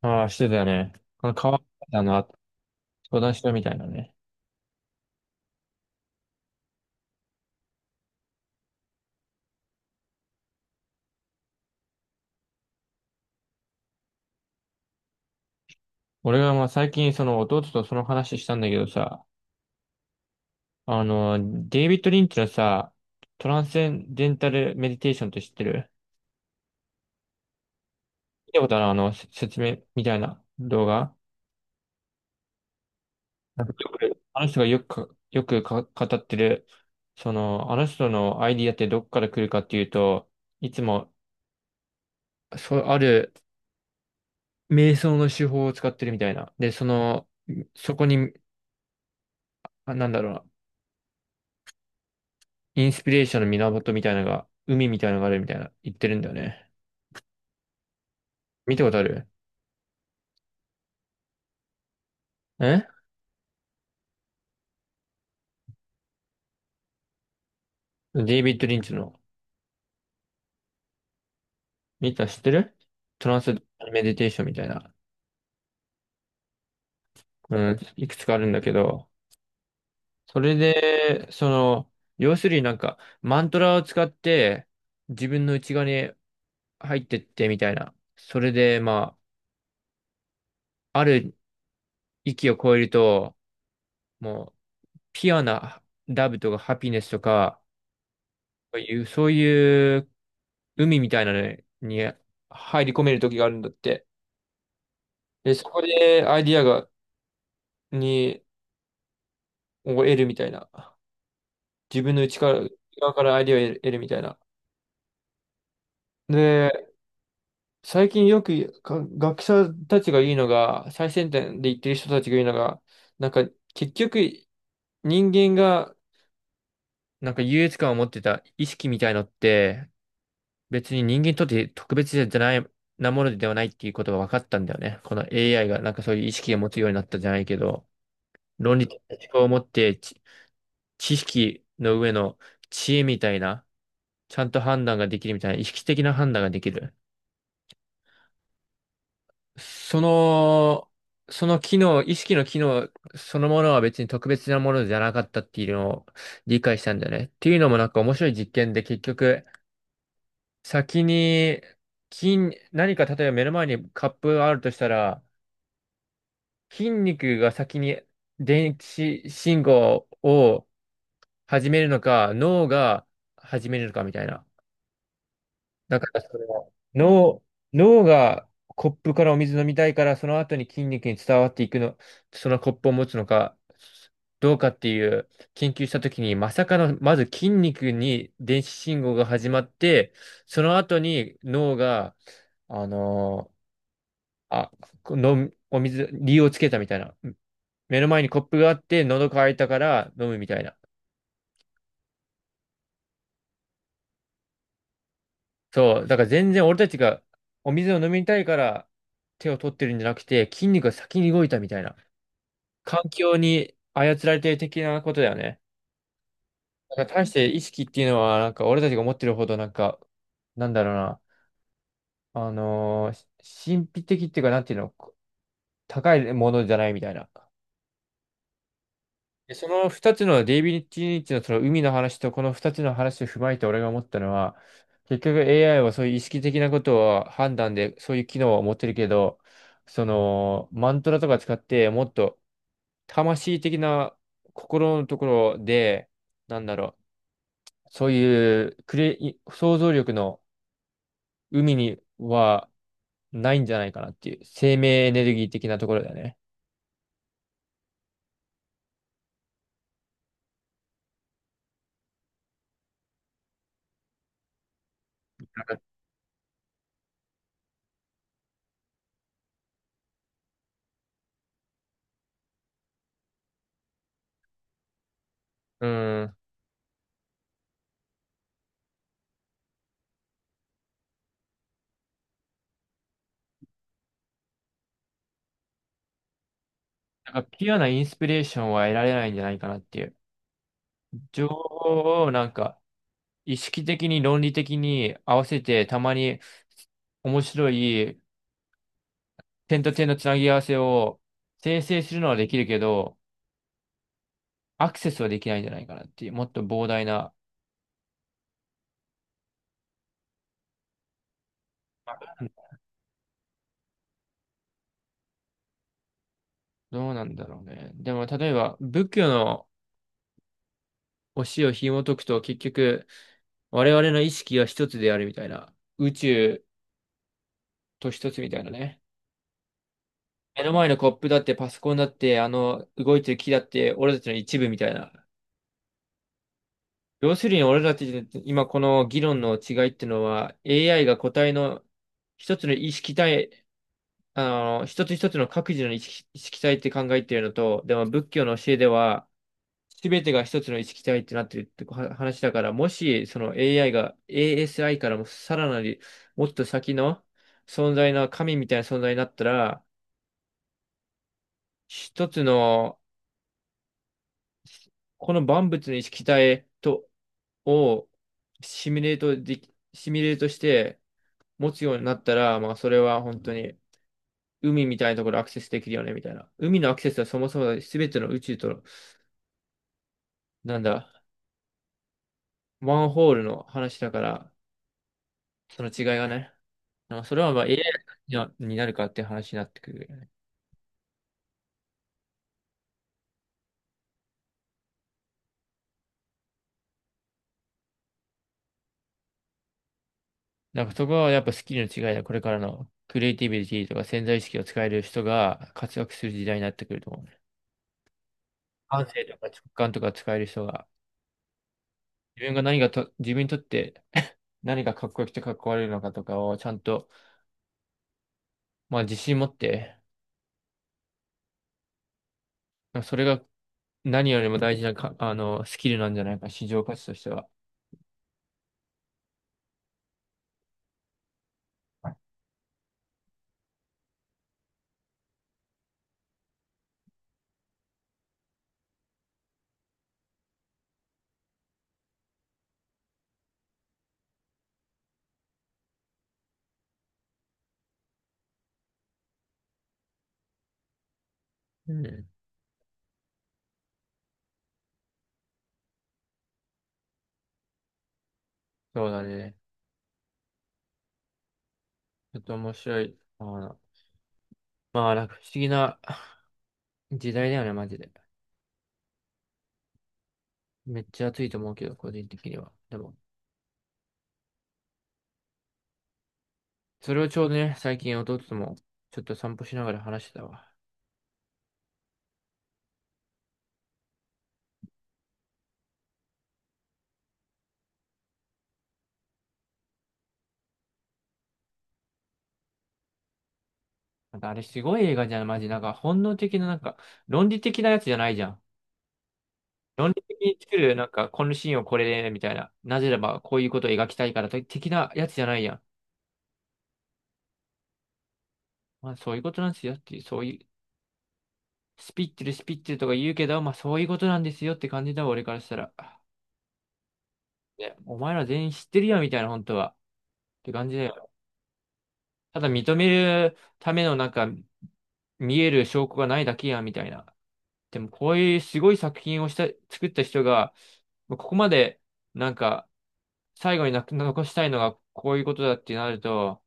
ああ、してたよね。変わったの、相談しろみたいなね。俺が最近その弟とその話したんだけどさ、デイビッド・リンチのさ、トランスセンデンタルメディテーションって知ってる？見たことある？説明みたいな動画。よくあの人がよく語ってる、あの人のアイディアってどっから来るかっていうと、いつも、そう、ある瞑想の手法を使ってるみたいな。で、その、そこに、なんだろうな。インスピレーションの源みたいなのが、海みたいなのがあるみたいな言ってるんだよね。見たことある？えデイビッド・リンチの、見た、知ってる？トランスメディテーションみたいな、うん、いくつかあるんだけど、それで、その、要するになんか、マントラを使って、自分の内側に入ってってみたいな。それで、ある域を超えると、もう、ピュアなラブとかハピネスとか、そういう海みたいなのに入り込める時があるんだって。で、そこでアイディアが、に、を得るみたいな。自分の内から、内側からアイディアを得るみたいな。で、最近よく学者たちが言うのが、最先端で言ってる人たちが言うのが、なんか結局人間がなんか優越感を持ってた意識みたいのって、別に人間にとって特別じゃない、なものではないっていうことが分かったんだよね。この AI がなんかそういう意識を持つようになったじゃないけど、論理的な思考を持って知、知識の上の知恵みたいな、ちゃんと判断ができるみたいな、意識的な判断ができる。その、その機能、意識の機能そのものは別に特別なものじゃなかったっていうのを理解したんだよね。っていうのもなんか面白い実験で結局、先に、金、何か例えば目の前にカップがあるとしたら、筋肉が先に電子信号を始めるのか、脳が始めるのかみたいな。だからそれは脳、脳がコップからお水飲みたいから、その後に筋肉に伝わっていくの、そのコップを持つのか、どうかっていう研究したときに、まさかの、まず筋肉に電子信号が始まって、その後に脳が、あのーあ、このお水、理由をつけたみたいな。目の前にコップがあって、喉乾いたから飲むみたいな。そう、だから全然俺たちがお水を飲みたいから手を取ってるんじゃなくて、筋肉が先に動いたみたいな。環境に操られてる的なことだよね。だから大して意識っていうのは、なんか俺たちが思ってるほど、なんか、なんだろうな、あのーし神秘的っていうか、なんていうの、高いものじゃないみたいな。でその二つのデイビッド・リンチのその海の話とこの二つの話を踏まえて俺が思ったのは、結局 AI はそういう意識的なことを判断でそういう機能を持ってるけど、そのマントラとか使ってもっと魂的な心のところで、なんだろう、そういうクリエイ、想像力の海にはないんじゃないかなっていう、生命エネルギー的なところだよね。なんか、うん、なんかピュアなインスピレーションは得られないんじゃないかなっていう。情報をなんか意識的に論理的に合わせてたまに面白い点と点のつなぎ合わせを生成するのはできるけど、アクセスはできないんじゃないかなっていう、もっと膨大な、どうなんだろうね。でも例えば仏教の教えを紐解くと結局我々の意識は一つであるみたいな、宇宙と一つみたいなね。目の前のコップだってパソコンだってあの動いてる木だって俺たちの一部みたいな。要するに俺らって今この議論の違いってのは AI が個体の一つの意識体、あの、一つ一つの各自の意識、意識体って考えてるのと、でも仏教の教えでは全てが一つの意識体ってなってるっては話だから、もしその AI が ASI からもさらなりもっと先の存在の神みたいな存在になったら、一つのこの万物の意識体と、をシミュレートして、持つようになったら、まあ、それは本当に海みたいなところアクセスできるよね、みたいな。海のアクセスはそもそも全ての宇宙と、なんだ、ワンホールの話だから、その違いがね。まあ、それはまあ a アイになるかっていう話になってくるよね。なんかそこはやっぱスキルの違いだ。これからのクリエイティビティとか潜在意識を使える人が活躍する時代になってくると思うね。感性とか直感とか使える人が、自分にとって 何がかっこよくてかっこ悪いのかとかをちゃんと、まあ自信持って、それが何よりも大事なか、あの、スキルなんじゃないか、市場価値としては。うん。そうだね。ちょっと面白い。あの、まあ、なんか不思議な 時代だよね、マジで。めっちゃ暑いと思うけど、個人的には。でも、それをちょうどね、最近弟とも、ちょっと散歩しながら話してたわ。なんかあれすごい映画じゃん、マジ。なんか本能的な、なんか、論理的なやつじゃないじゃん。論理的に作る、なんか、このシーンをこれで、みたいな。なぜならば、こういうことを描きたいから、的なやつじゃないやん。まあ、そういうことなんですよっていう、そういう、スピッツルとか言うけど、まあそういうことなんですよって感じだわ、俺からしたら。ね、お前ら全員知ってるやんみたいな、本当は。って感じだよ。ただ認めるためのなんか、見える証拠がないだけやんみたいな。でもこういうすごい作品をした、作った人が、まあここまで、なんか、最後に残したいのがこういうことだってなると、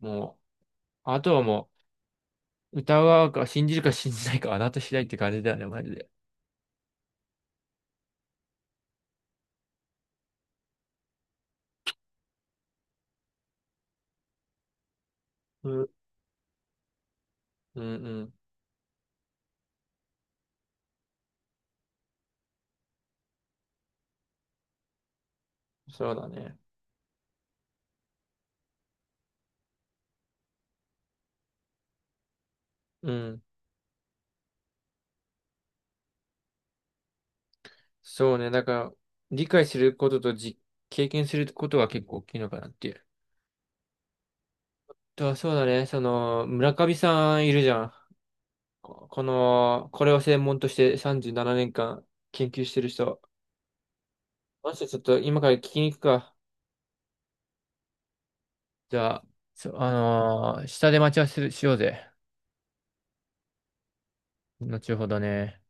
もう、あとはもう、歌うか信じるか信じないかはあなた次第って感じだよね、マジで。うん、うん、うん。そうだね。うん。そうね。だから、理解することとじ、経験することは結構大きいのかなっていう。と、そうだね。その、村上さんいるじゃん。ここの、これを専門として37年間研究してる人。もしちょっと今から聞きに行くか。じゃあ、そう、あのー下で待ち合わせしようぜ。後ほどね。